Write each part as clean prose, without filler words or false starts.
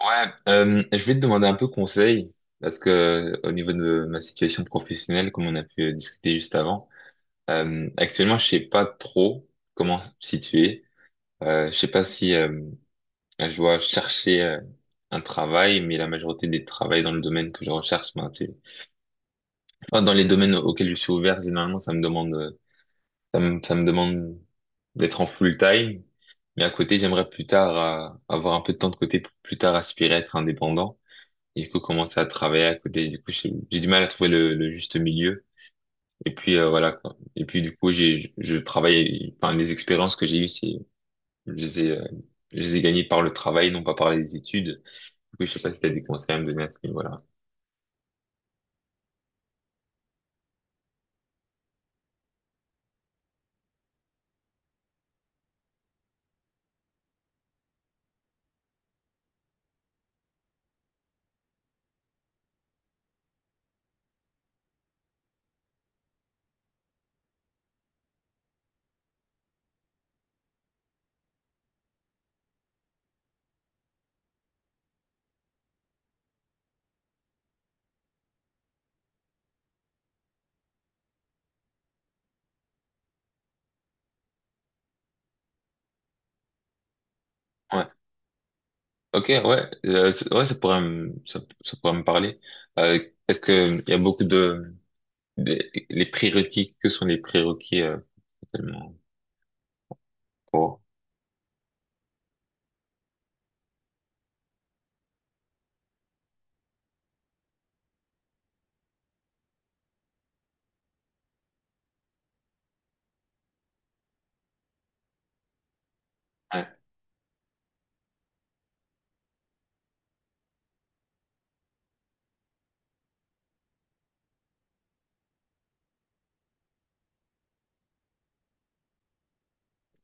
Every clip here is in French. Ouais, je vais te demander un peu conseil parce que au niveau de ma situation professionnelle, comme on a pu discuter juste avant, actuellement je sais pas trop comment me situer. Je sais pas si je dois chercher un travail, mais la majorité des travails dans le domaine que je recherche, ben, enfin, dans les domaines auxquels je suis ouvert, généralement ça me demande, ça me demande d'être en full time. Mais à côté, j'aimerais plus tard avoir un peu de temps de côté pour plus tard aspirer à être indépendant. Et du coup, commencer à travailler à côté. Du coup, j'ai du mal à trouver le juste milieu. Et puis, voilà, quoi. Et puis, du coup, je travaille, enfin, les expériences que j'ai eues, je les ai, euh, je les ai gagnées par le travail, non pas par les études. Du coup, je sais pas si t'as des conseils à me donner à ce niveau-là. Ouais. Ok, ouais. Ouais, ça pourrait me parler. Euh, est-ce que il y a beaucoup les prérequis, que sont les prérequis, tellement pour, ouais.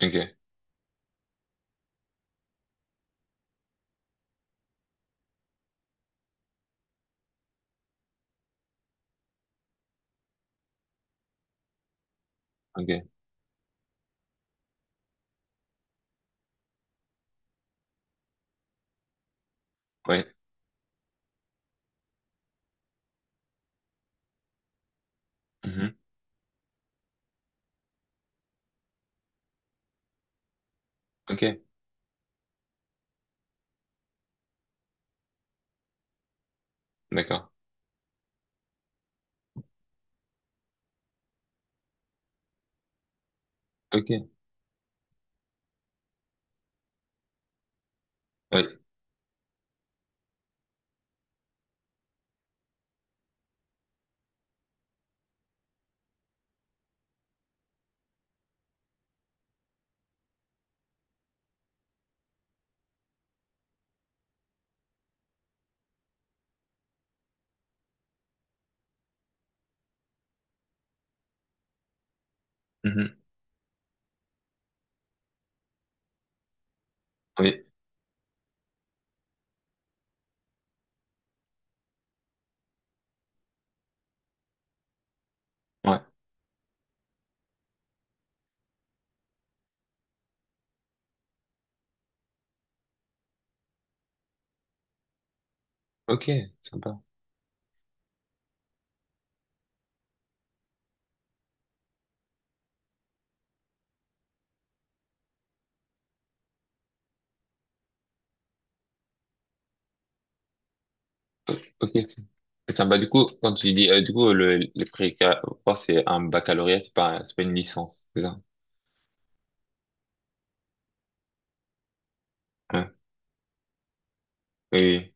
Ok, ok, ouais. Mhm. Ok, d'accord. Ok, ouais. Mhm. Oui, ouais. Ok, sympa. Ok, c'est sympa. Du coup, quand tu dis, du coup, le préca, quoi, c'est un baccalauréat, c'est pas une licence, c'est ça? Ouais. Oui,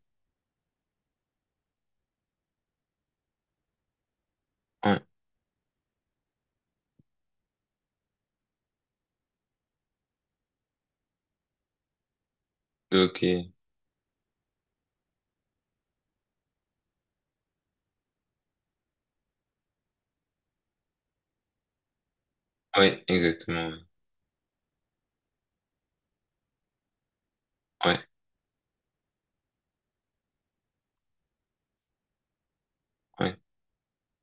oui. Ouais. Ok. Ouais, exactement. Ouais, ouais,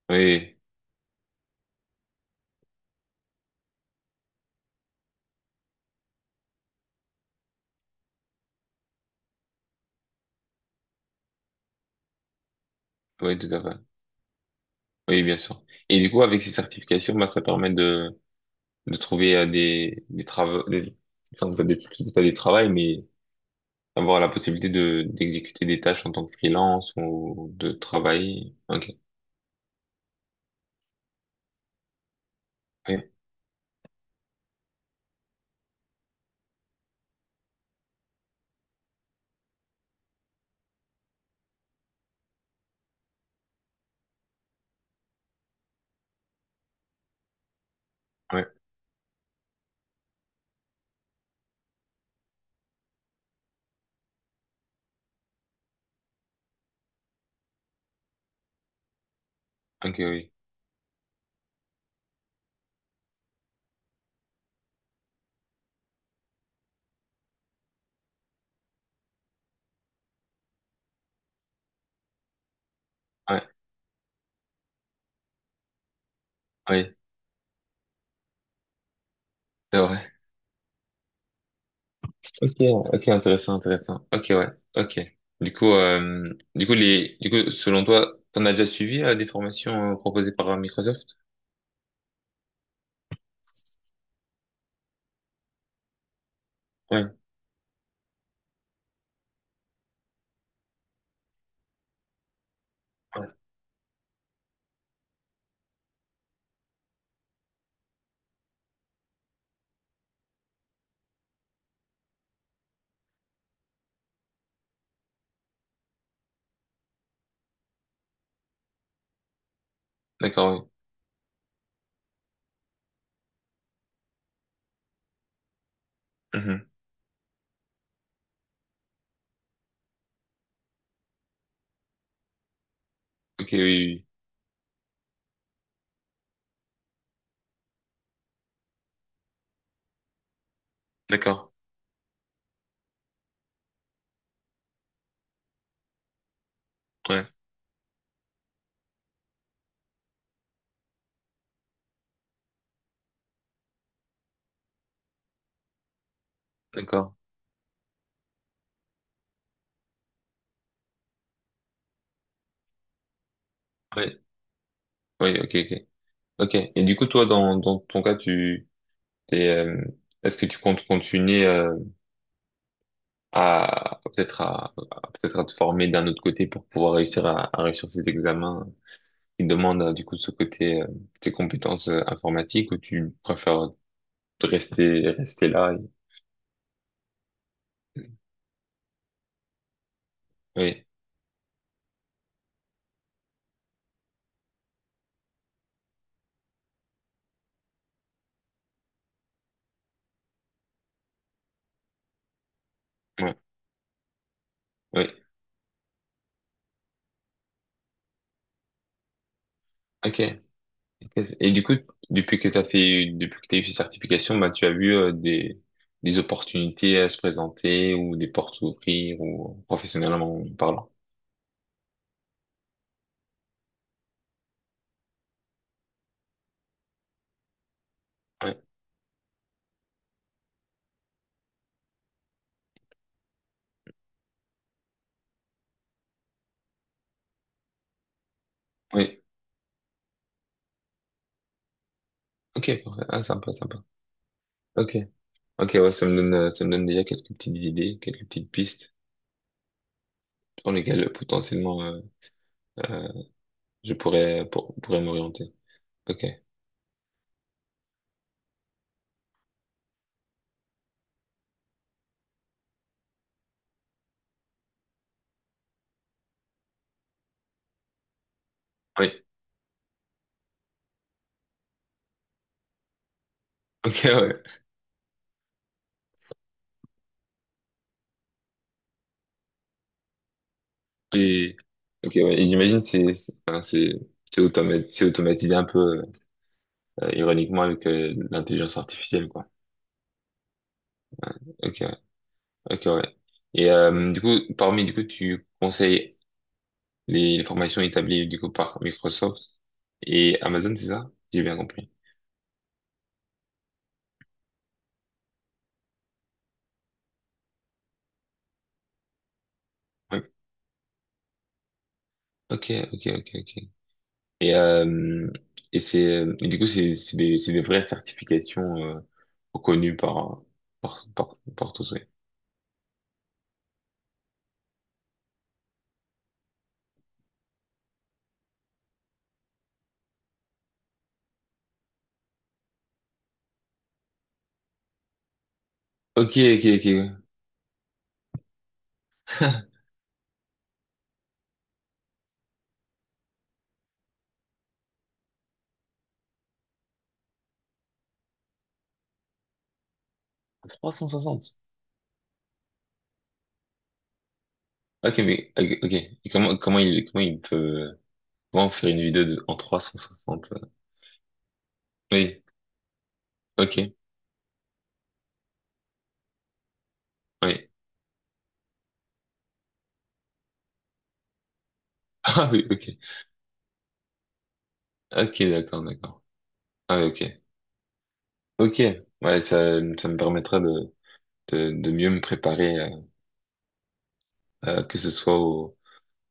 ouais, oui, oui, tout à fait. Oui, bien sûr. Et du coup, avec ces certifications, bah, ça permet de trouver des travaux, enfin, pas des travails, mais avoir la possibilité de d'exécuter des tâches en tant que freelance ou de travailler. Ok. Ouais, oui, ok, oui. Ouais. Oui, c'est vrai. Ok, ok, intéressant, intéressant. Ok, ouais, ok. Du coup, du coup, selon toi, t'en as déjà suivi des formations proposées par Microsoft? Oui, ouais. D'accord, oui. Mhm. Ok, oui, oui. Oui. D'accord, ouais, d'accord. Oui, oui, ok, ok. Ok. Et du coup, toi, dans ton cas, t'es, euh, est-ce que tu comptes continuer à peut-être peut-être à te former d'un autre côté pour pouvoir réussir à réussir ces examens il demande du coup de ce côté tes compétences informatiques ou tu préfères te rester rester là et- oui, ouais, oui, ok. Et du coup, depuis que t'as fait, depuis que t'as eu ces certifications, bah tu as vu des opportunités à se présenter ou des portes à ouvrir ou professionnellement parlant. Ouais, oui, ok, parfait. Ah, sympa, sympa. Ok, ok, ouais, ça me donne déjà quelques petites idées, quelques petites pistes sur lesquelles potentiellement euh, je pourrais m'orienter. Ok. Oui. Ok, ouais. Et, ok, ouais. Et j'imagine c'est, enfin, c'est c'est automatisé un peu ironiquement avec l'intelligence artificielle, quoi. Ok, ok, ouais. Du coup, tu conseilles les formations établies du coup par Microsoft et Amazon, c'est ça? J'ai bien compris. Oui. Ok, ok, ok, ok. Et euh, et c'est du coup c'est c'est des vraies certifications reconnues par par tous. Ouais. Ok, ok, ok. 360. Ok, mais ok, ok. Et comment il peut, comment faire une vidéo de, en 360? Oui, ok, oui. Ah oui, ok. Ok, d'accord, d'accord. Ah oui, ok. Ok. Ouais, ça me permettra de mieux me préparer que ce soit au,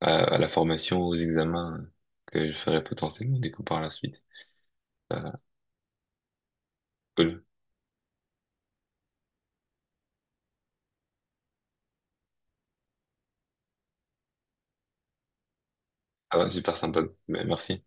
à la formation, aux examens que je ferai potentiellement du coup par la suite. Euh, cool. Ah ouais, super sympa. Mais merci.